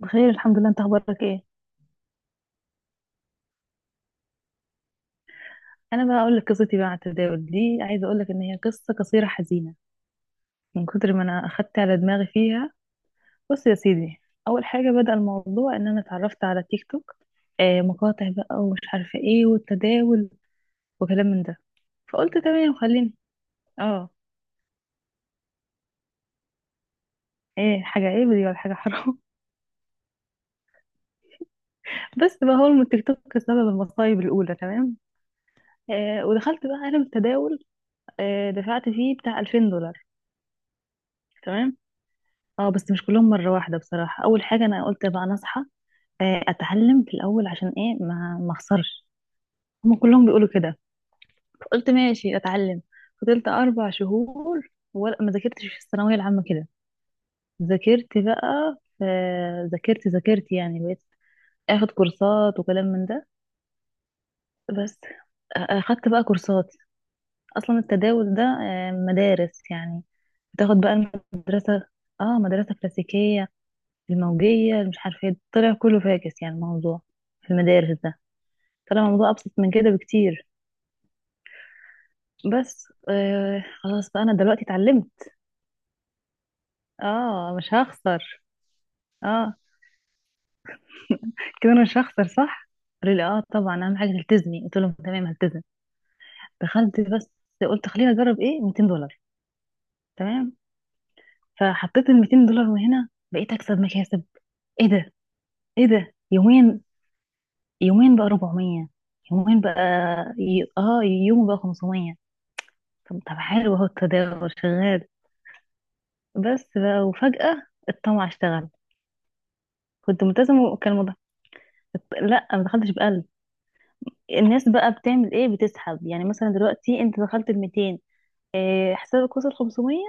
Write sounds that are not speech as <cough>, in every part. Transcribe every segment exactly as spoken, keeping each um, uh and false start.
بخير، الحمد لله. انت اخبارك ايه؟ انا بقى اقول لك قصتي بقى على التداول دي. عايزه اقول لك ان هي قصه قصيره حزينه من كتر ما انا اخدت على دماغي فيها. بص يا سيدي، اول حاجه بدأ الموضوع ان انا اتعرفت على تيك توك. آه مقاطع بقى ومش عارفه ايه والتداول وكلام من ده. فقلت تمام خليني اه ايه، حاجه عيب دي ولا حاجه حرام؟ <laughs> بس بقى هو التيك توك سبب المصايب الاولى، تمام. آه ودخلت بقى عالم التداول. آه دفعت فيه بتاع الفين دولار، تمام. اه بس مش كلهم مرة واحدة. بصراحة أول حاجة أنا قلت بقى أنا أصحى، آه، أتعلم في الأول عشان إيه ما ما أخسرش. هما كلهم بيقولوا كده. قلت ماشي أتعلم. فضلت اربع شهور ولا ما ذاكرتش في الثانوية العامة كده. ذاكرت بقى في، ذاكرت ذاكرت يعني، بقيت أخد كورسات وكلام من ده. بس آه، أخدت بقى كورسات. أصلا التداول ده آه، مدارس يعني. بتاخد بقى المدرسة، اه مدرسة كلاسيكية، الموجية، مش عارفة ايه. طلع كله فاكس يعني الموضوع في المدارس ده. طلع الموضوع أبسط من كده بكتير. بس آه خلاص بقى، أنا دلوقتي اتعلمت. اه مش هخسر، اه كده أنا مش هخسر، صح؟ قالوا لي اه، طبعا أهم حاجة تلتزمي. قلت لهم تمام، هلتزم. دخلت بس، قلت خليني أجرب ايه ميتين دولار، تمام. فحطيت ال ميتين دولار وهنا بقيت أكسب مكاسب. ايه ده، ايه ده، يومين. يومين بقى اربعمية، يومين بقى، ي... اه يوم بقى خمسمية. طب، طب، حلو، اهو التداول شغال. بس بقى، وفجأة الطمع اشتغل. كنت ملتزمة وكان الموضوع، لا، ما دخلتش بقلب. الناس بقى بتعمل ايه؟ بتسحب. يعني مثلا دلوقتي انت دخلت ال ميتين، إيه، حسابك وصل خمسمية،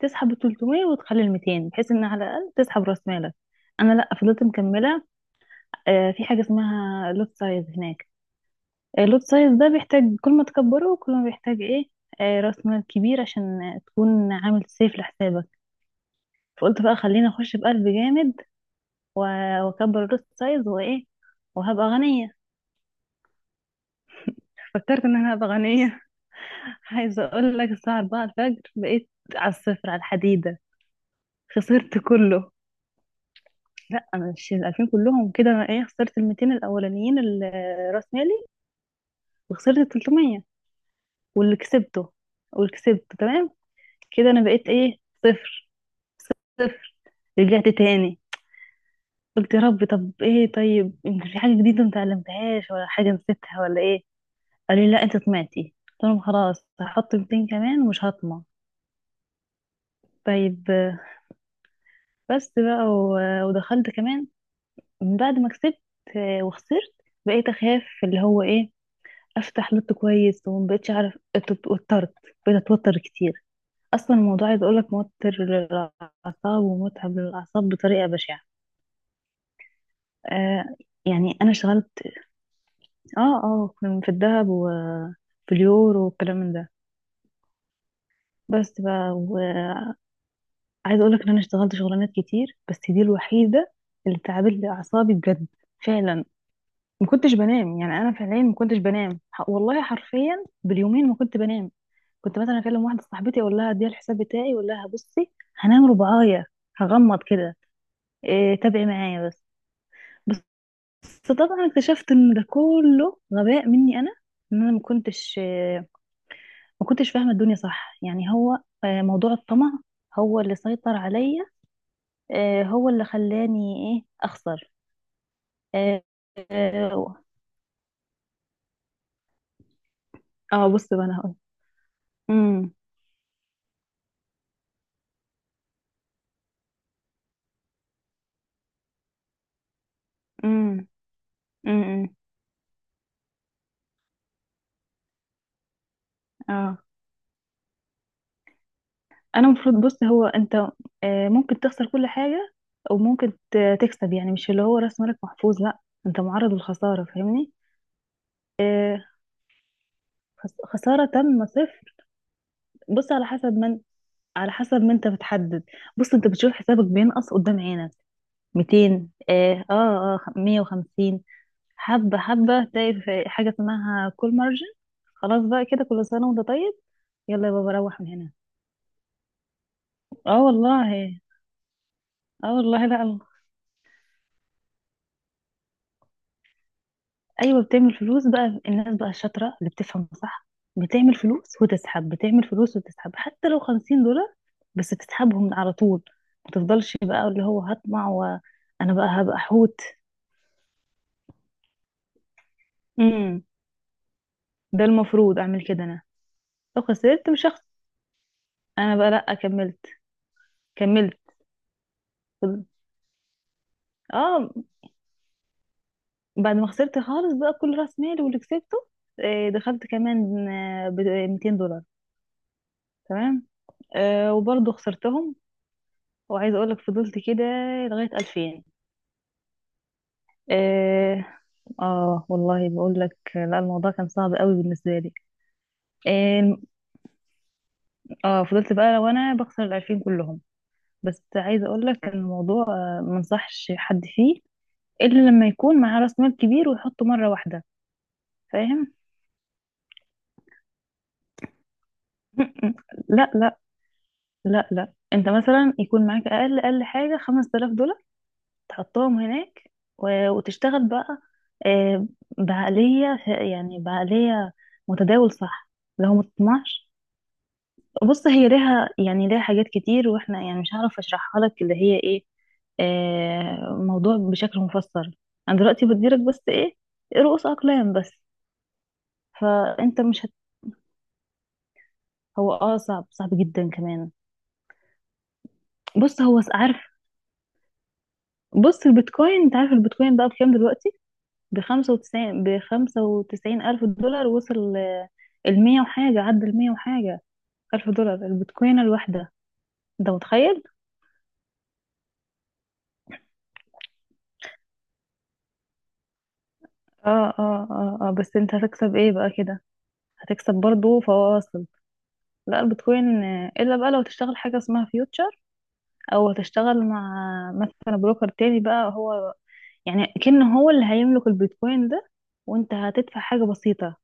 تسحب ال تلتمية وتخلي ال ميتين، بحيث ان على الاقل تسحب راس مالك. انا لا، فضلت مكمله. آه، في حاجه اسمها لوت سايز هناك. اللوت سايز ده بيحتاج، كل ما تكبره كل ما بيحتاج ايه، آه، راس مال كبير عشان تكون عامل سيف لحسابك. فقلت بقى خليني اخش بقلب جامد و- واكبر الروست سايز وايه، وهبقى غنية. فكرت ان انا هبقى غنية. <laughs> عايزة اقول لك الساعة اربعة الفجر بقيت على الصفر، على الحديدة. خسرت كله. لا، انا مش ال الفين كلهم كده، انا ايه، خسرت ال ميتين الاولانيين، ال- راس مالي، وخسرت ال تلتمية واللي كسبته، واللي كسبته تمام. كده انا بقيت ايه، صفر، صفر. رجعت تاني، قلت يا رب، طب ايه طيب، يمكن في حاجة جديدة متعلمتهاش، ولا حاجة نسيتها، ولا ايه. قالوا لي لا، انت طمعتي. قلت لهم خلاص، هحط ميتين كمان ومش هطمع. طيب آه، بس بقى و- ودخلت كمان من بعد ما كسبت، آه، وخسرت. بقيت اخاف، اللي هو ايه، افتح لوت كويس، ومبقتش اعرف ات- اتوترت. بقيت اتوتر كتير. اصلا الموضوع، عايز اقولك، موتر للاعصاب ومتعب للاعصاب بطريقه بشعه. آه يعني انا اشتغلت، اه اه في الذهب وفي اليورو والكلام من ده. بس بقى، عايزه اقول لك ان انا اشتغلت شغلانات كتير، بس دي الوحيده اللي تعبت لي اعصابي بجد، فعلا. ما كنتش بنام، يعني انا فعليا ما كنتش بنام. ح- والله حرفيا باليومين ما كنت بنام. كنت مثلا اكلم واحده صاحبتي، اقول لها اديها الحساب بتاعي، اقول لها بصي، هنام ربعايه، هغمض كده، إيه، تابعي معايا بس بس. طبعا اكتشفت ان ده كله غباء مني انا، ان انا ما كنتش ما كنتش فاهمه الدنيا صح. يعني هو آه، موضوع الطمع هو اللي سيطر عليا. آه، هو اللي خلاني ايه اخسر. اه آه، اه بص بقى، انا هقول. امم امم امم اه انا المفروض، بص هو انت آه، ممكن تخسر كل حاجه، وممكن ت- تكسب. يعني مش اللي هو راس مالك محفوظ، لا. انت معرض للخساره، فاهمني؟ آه، خس- خساره تامه، صفر. بص، على حسب، من على حسب ما انت بتحدد. بص، انت بتشوف حسابك بينقص قدام عينك، ميتين، اه اه آه، ميه وخمسين. حبة حبة تلاقي في حاجة اسمها كول مارجن. خلاص بقى، كده كل سنة وانت طيب، يلا يا بابا روح من هنا. اه والله، اه والله. لا الله. ايوه، بتعمل فلوس بقى. الناس بقى الشاطرة اللي بتفهم صح بتعمل فلوس وتسحب، بتعمل فلوس وتسحب، حتى لو خمسين دولار بس تسحبهم على طول. ما تفضلش بقى اللي هو هطمع وانا بقى هبقى حوت. امم ده المفروض اعمل كده انا. لو خسرت مش هخسر. انا بقى لا، كملت كملت اه. بعد ما خسرت خالص بقى كل راس مالي واللي كسبته، آه، دخلت كمان آه، ب ميتين دولار، تمام. آه، وبرضه خسرتهم. وعايزه اقول لك فضلت كده لغايه الفين. اه آه، والله بقول لك لا، الموضوع كان صعب قوي بالنسبه لي. اه آه، فضلت بقى وانا بخسر ال الفين كلهم. بس عايزه اقول لك ان الموضوع، آه، ما انصحش حد فيه الا لما يكون معاه راس مال كبير ويحطه مره واحده، فاهم؟ <laughs> لا، لا، لا، لا. انت مثلا يكون معاك اقل اقل حاجه خمس تلاف دولار، تحطهم هناك و- وتشتغل بقى آه، بعقليه، ف- يعني بعقليه متداول صح، لو ما تطمعش. بص، هي ليها، يعني ليها حاجات كتير، واحنا يعني مش هعرف اشرحها لك، اللي هي ايه، آه، موضوع بشكل مفصل. انا دلوقتي بديلك بس ايه، رؤوس اقلام بس. فانت مش هت... هو اه صعب، صعب جدا كمان. بص، هو س- عارف، بص البيتكوين، انت عارف البيتكوين بقى بكام دلوقتي؟ بخمسة وتسعين بخمسة وتسعين الف دولار وصل. آه، المية وحاجة، عدى المية وحاجة ألف دولار البيتكوين الواحدة. أنت متخيل؟ اه، اه، اه، اه. بس انت هتكسب ايه بقى كده؟ هتكسب برضو فواصل. لا، البيتكوين آه، الا بقى لو تشتغل حاجة اسمها فيوتشر، او هتشتغل مع مثلا بروكر تاني بقى. هو يعني كأنه هو اللي هيملك البيتكوين ده، وانت هتدفع حاجة بسيطة،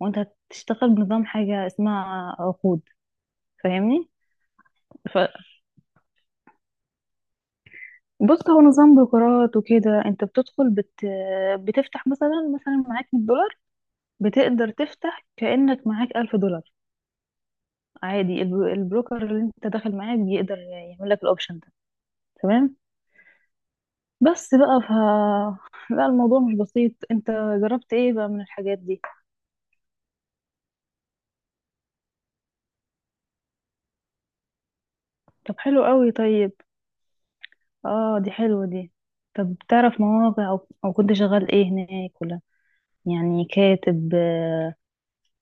وانت هتشتغل بنظام حاجة اسمها عقود، فاهمني؟ بص، هو نظام بروكرات وكده. انت بتدخل بت... بتفتح مثلا، مثلا معاك مية دولار، بتقدر تفتح كأنك معاك الف دولار عادي. الب- البروكر اللي انت داخل معاه بيقدر يعمل لك الاوبشن ده، تمام. بس بقى ف <laughs> لا، الموضوع مش بسيط. انت جربت ايه بقى من الحاجات دي؟ طب حلو قوي، طيب. اه، دي حلوة دي. طب تعرف مواقع، او, أو كنت شغال ايه هناك ولا، يعني كاتب آه،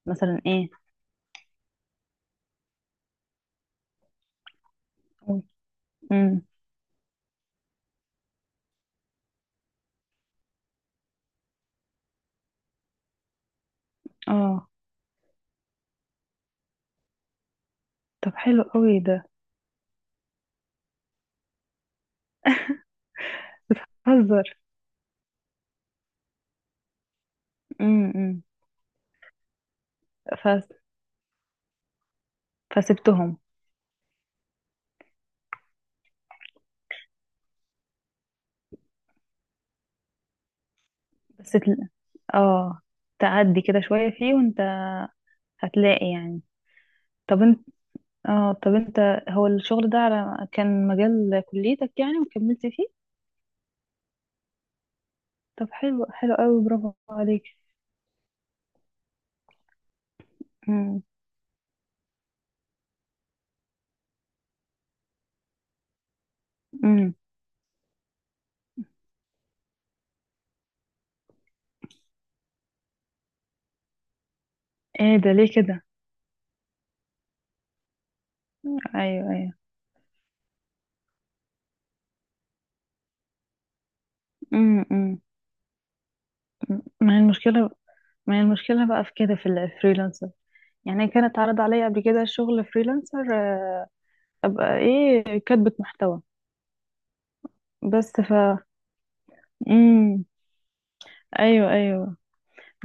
مثلا ايه، قول. امم اه طب حلو قوي ده. بتهزر. امم ف... فسبتهم. بس تل... اه، تعدي كده شوية فيه، وانت هتلاقي يعني. طب انت، اه طب انت هو الشغل ده على كان مجال كليتك يعني، وكملت فيه؟ طب حلو، حلو قوي، برافو عليك. امم امم ايه ده، ليه كده؟ ايوه، ايوه. امم امم ما هي المشكلة، ما هي المشكلة بقى في كده، في الفريلانسر؟ يعني كانت اتعرض عليا قبل كده شغل فريلانسر، آه، ابقى ايه، كاتبة محتوى، بس. امم ايوه، ايوه.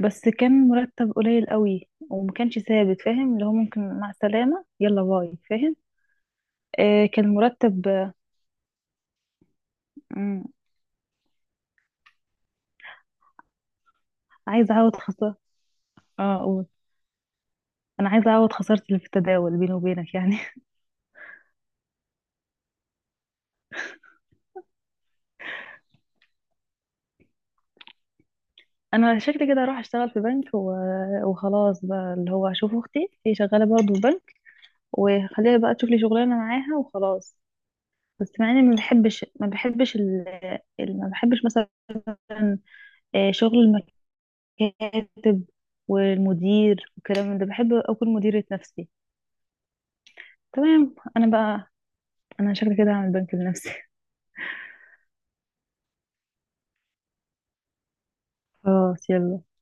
بس كان مرتب قليل قوي وما كانش ثابت، فاهم؟ اللي هو ممكن مع السلامة يلا باي، فاهم؟ آه كان مرتب، آه، مم، عايزة اعوض خسارة. اه اقول، انا عايزة اعوض خسارتي اللي في التداول، بيني وبينك يعني. <laughs> انا شكلي كده اروح اشتغل في بنك و... وخلاص بقى، اللي هو اشوف اختي، هي شغالة برضه في بنك، وخليها بقى تشوف لي شغلانة معاها، وخلاص. بس مع اني ما بحبش ما بحبش ال... ال- ما بحبش مثلا آه، شغل كاتب والمدير والكلام من ده. بحب اكون مديرة نفسي. تمام. انا بقى انا شكلي كده هعمل بنك لنفسي. <laughs> خلاص، يلا.